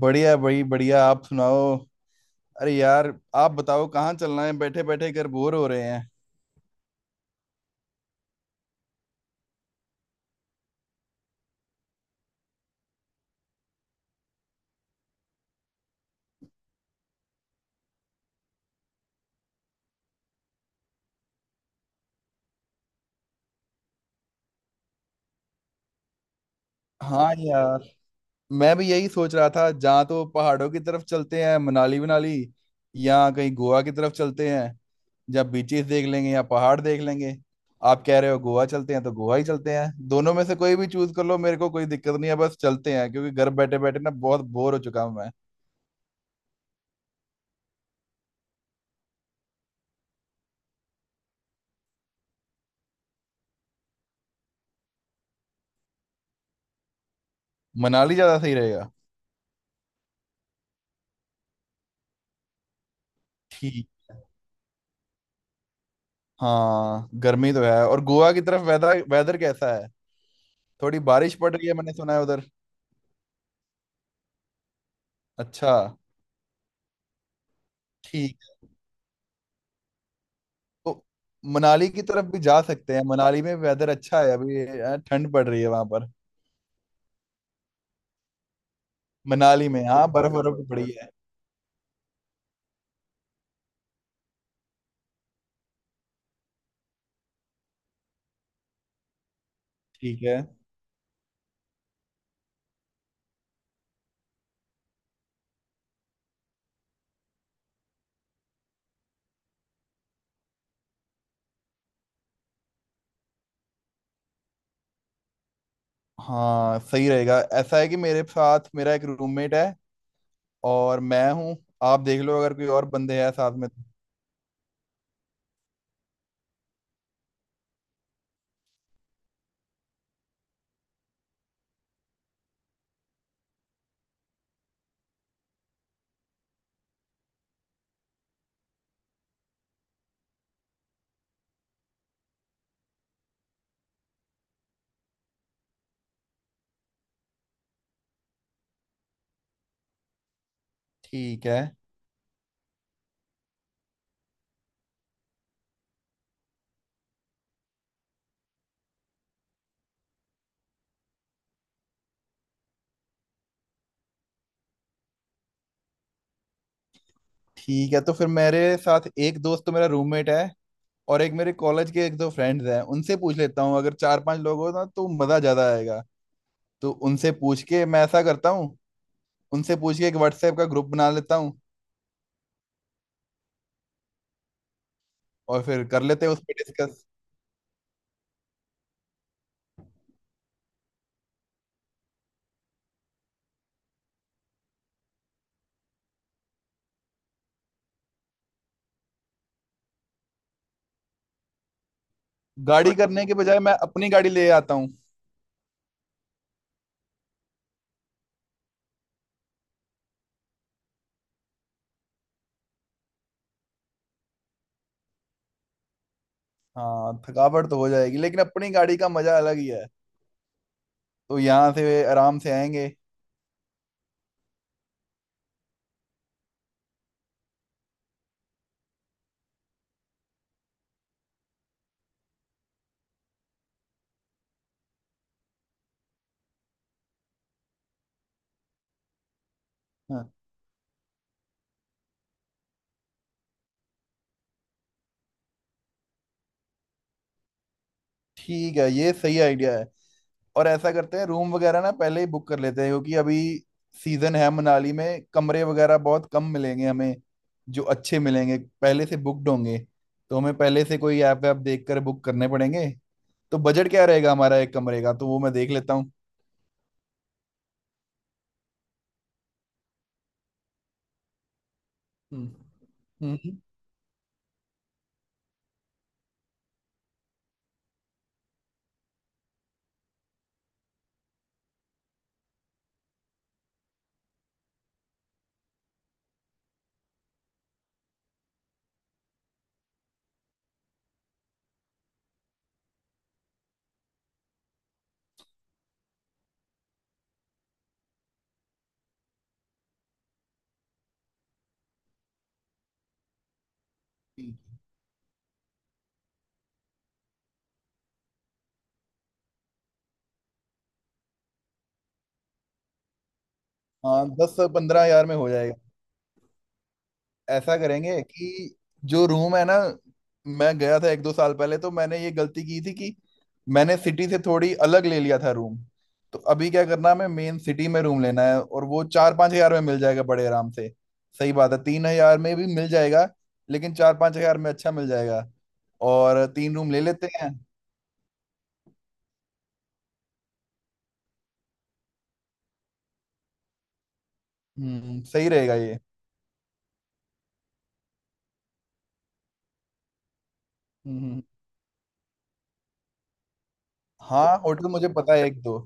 बढ़िया भाई बढ़िया। आप सुनाओ। अरे यार। आप बताओ कहाँ चलना है? बैठे बैठे घर बोर हो रहे हैं। हाँ यार, मैं भी यही सोच रहा था। जहाँ तो पहाड़ों की तरफ चलते हैं मनाली मनाली, या कहीं गोवा की तरफ चलते हैं। या बीचेस देख लेंगे या पहाड़ देख लेंगे। आप कह रहे हो गोवा चलते हैं तो गोवा ही चलते हैं। दोनों में से कोई भी चूज कर लो, मेरे को कोई दिक्कत नहीं है। बस चलते हैं क्योंकि घर बैठे बैठे ना बहुत बोर हो चुका हूं मैं। मनाली ज्यादा सही रहेगा। ठीक। हाँ गर्मी तो है। और गोवा की तरफ वेदर वेदर कैसा है? थोड़ी बारिश पड़ रही है, मैंने सुना है उधर। अच्छा। ठीक। तो मनाली की तरफ भी जा सकते हैं। मनाली में वेदर अच्छा है अभी, ठंड पड़ रही है वहां पर। मनाली में? हाँ बर्फ बर्फ भी पड़ी है। ठीक है। हाँ सही रहेगा। ऐसा है कि मेरे साथ मेरा एक रूममेट है और मैं हूँ। आप देख लो अगर कोई और बंदे हैं साथ में तो। ठीक है। ठीक है तो फिर मेरे साथ एक दोस्त तो मेरा रूममेट है और एक मेरे कॉलेज के एक दो फ्रेंड्स हैं। उनसे पूछ लेता हूँ, अगर चार पांच लोग हो ना तो मज़ा ज़्यादा आएगा। तो उनसे पूछ के मैं ऐसा करता हूँ, उनसे पूछ के एक व्हाट्सएप का ग्रुप बना लेता हूँ और फिर कर लेते हैं उस पर डिस्कस। गाड़ी करने के बजाय मैं अपनी गाड़ी ले आता हूँ। हाँ थकावट तो हो जाएगी, लेकिन अपनी गाड़ी का मजा अलग ही है। तो यहाँ से आराम से आएंगे। हाँ। ठीक है, ये सही आइडिया है। और ऐसा करते हैं रूम वगैरह ना पहले ही बुक कर लेते हैं, क्योंकि अभी सीजन है मनाली में कमरे वगैरह बहुत कम मिलेंगे हमें। जो अच्छे मिलेंगे पहले से बुकड होंगे। तो हमें पहले से कोई ऐप वैप देख कर बुक करने पड़ेंगे। तो बजट क्या रहेगा हमारा एक कमरे का, तो वो मैं देख लेता हूँ। हम्म हम्म। हाँ 10 से 15 हज़ार में हो जाएगा। ऐसा करेंगे कि जो रूम है ना, मैं गया था एक दो साल पहले, तो मैंने ये गलती की थी कि मैंने सिटी से थोड़ी अलग ले लिया था रूम। तो अभी क्या करना है, हमें मेन सिटी में रूम लेना है और वो 4-5 हज़ार में मिल जाएगा बड़े आराम से। सही बात है, 3 हज़ार में भी मिल जाएगा लेकिन 4-5 हज़ार में अच्छा मिल जाएगा। और तीन रूम ले लेते हैं। हम्म, सही रहेगा ये। हम्म। हाँ होटल मुझे पता है एक दो।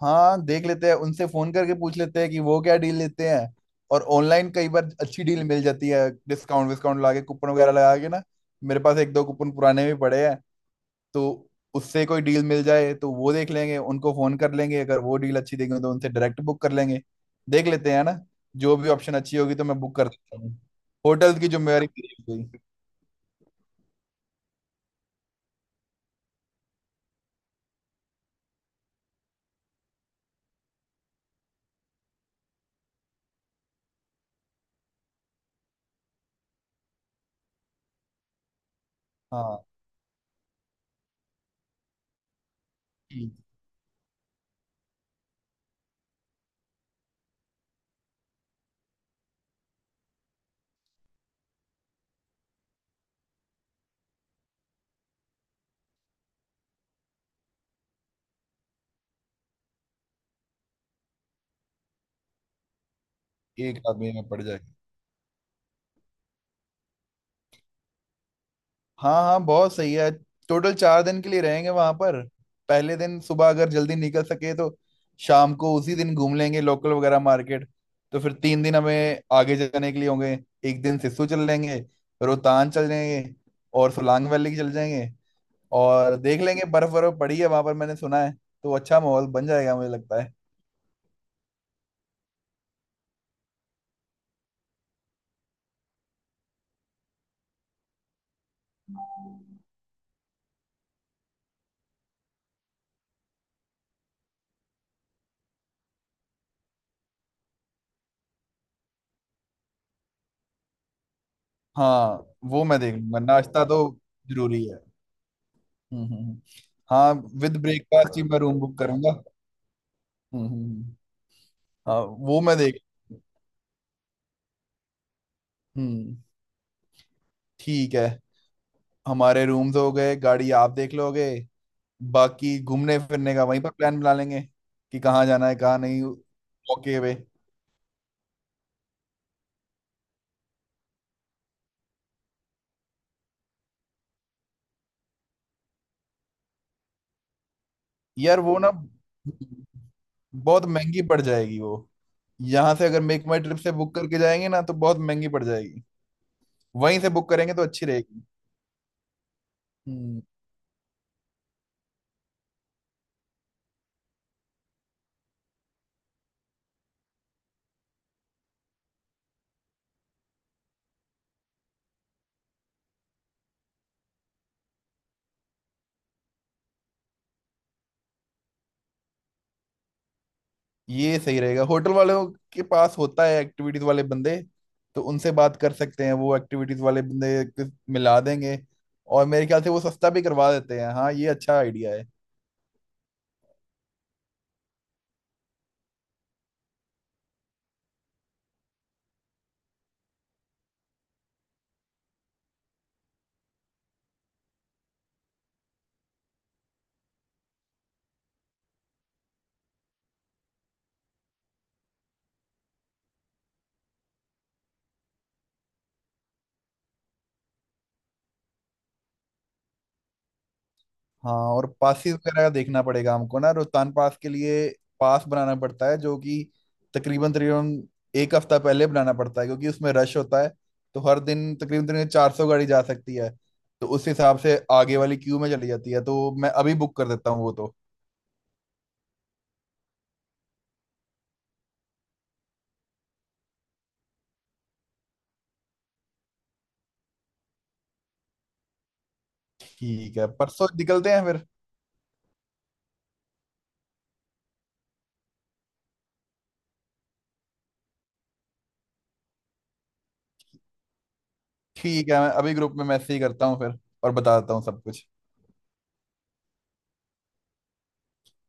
हाँ देख लेते हैं, उनसे फोन करके पूछ लेते हैं कि वो क्या डील लेते हैं। और ऑनलाइन कई बार अच्छी डील मिल जाती है, डिस्काउंट विस्काउंट लगा के, कूपन वगैरह लगा के ना। मेरे पास एक दो कूपन पुराने भी पड़े हैं। तो उससे कोई डील मिल जाए तो वो देख लेंगे, उनको फोन कर लेंगे, अगर वो डील अच्छी देंगे तो उनसे डायरेक्ट बुक कर लेंगे। देख लेते हैं ना, जो भी ऑप्शन अच्छी होगी तो मैं बुक कर देता हूँ। होटल की जिम्मेवारी मेरी हो गई। हाँ। एक। एक आदमी में पड़ जाए। हाँ हाँ, बहुत सही है। टोटल 4 दिन के लिए रहेंगे वहां पर। पहले दिन सुबह अगर जल्दी निकल सके तो शाम को उसी दिन घूम लेंगे लोकल वगैरह मार्केट। तो फिर 3 दिन हमें आगे जाने के लिए होंगे। एक दिन सिस्सू चल लेंगे, रोहतांग चल जाएंगे और सोलांग वैली चल जाएंगे। और देख लेंगे बर्फ बर्फ पड़ी है वहां पर मैंने सुना है। तो अच्छा माहौल बन जाएगा मुझे लगता है। हाँ वो मैं देख लूंगा, नाश्ता तो जरूरी है। हम्म हम्म हम्म। हाँ, विद ब्रेकफास्ट ही मैं रूम बुक करूंगा। हम्म हम्म, हम्म। हाँ वो मैं देख। हम्म। ठीक है। हमारे रूम्स हो गए, गाड़ी आप देख लोगे, बाकी घूमने फिरने का वहीं पर प्लान बना लेंगे कि कहाँ जाना है कहाँ नहीं। ओके वे। यार वो ना बहुत महंगी पड़ जाएगी वो। यहाँ से अगर मेक माई ट्रिप से बुक करके जाएंगे ना तो बहुत महंगी पड़ जाएगी। वहीं से बुक करेंगे तो अच्छी रहेगी। ये सही रहेगा, होटल वालों के पास होता है एक्टिविटीज वाले बंदे। तो उनसे बात कर सकते हैं, वो एक्टिविटीज वाले बंदे को मिला देंगे। और मेरे ख्याल से वो सस्ता भी करवा देते हैं। हाँ ये अच्छा आइडिया है। हाँ और पासिस वगैरह का देखना पड़ेगा हमको ना, रोहतांग पास के लिए पास बनाना पड़ता है, जो कि तकरीबन तकरीबन एक हफ्ता पहले बनाना पड़ता है क्योंकि उसमें रश होता है। तो हर दिन तकरीबन तकरीबन 400 गाड़ी जा सकती है। तो उस हिसाब से आगे वाली क्यू में चली जाती है। तो मैं अभी बुक कर देता हूँ वो तो। ठीक है, परसों निकलते हैं फिर। ठीक है, मैं अभी ग्रुप में मैसेज ही करता हूँ फिर और बताता हूँ सब कुछ।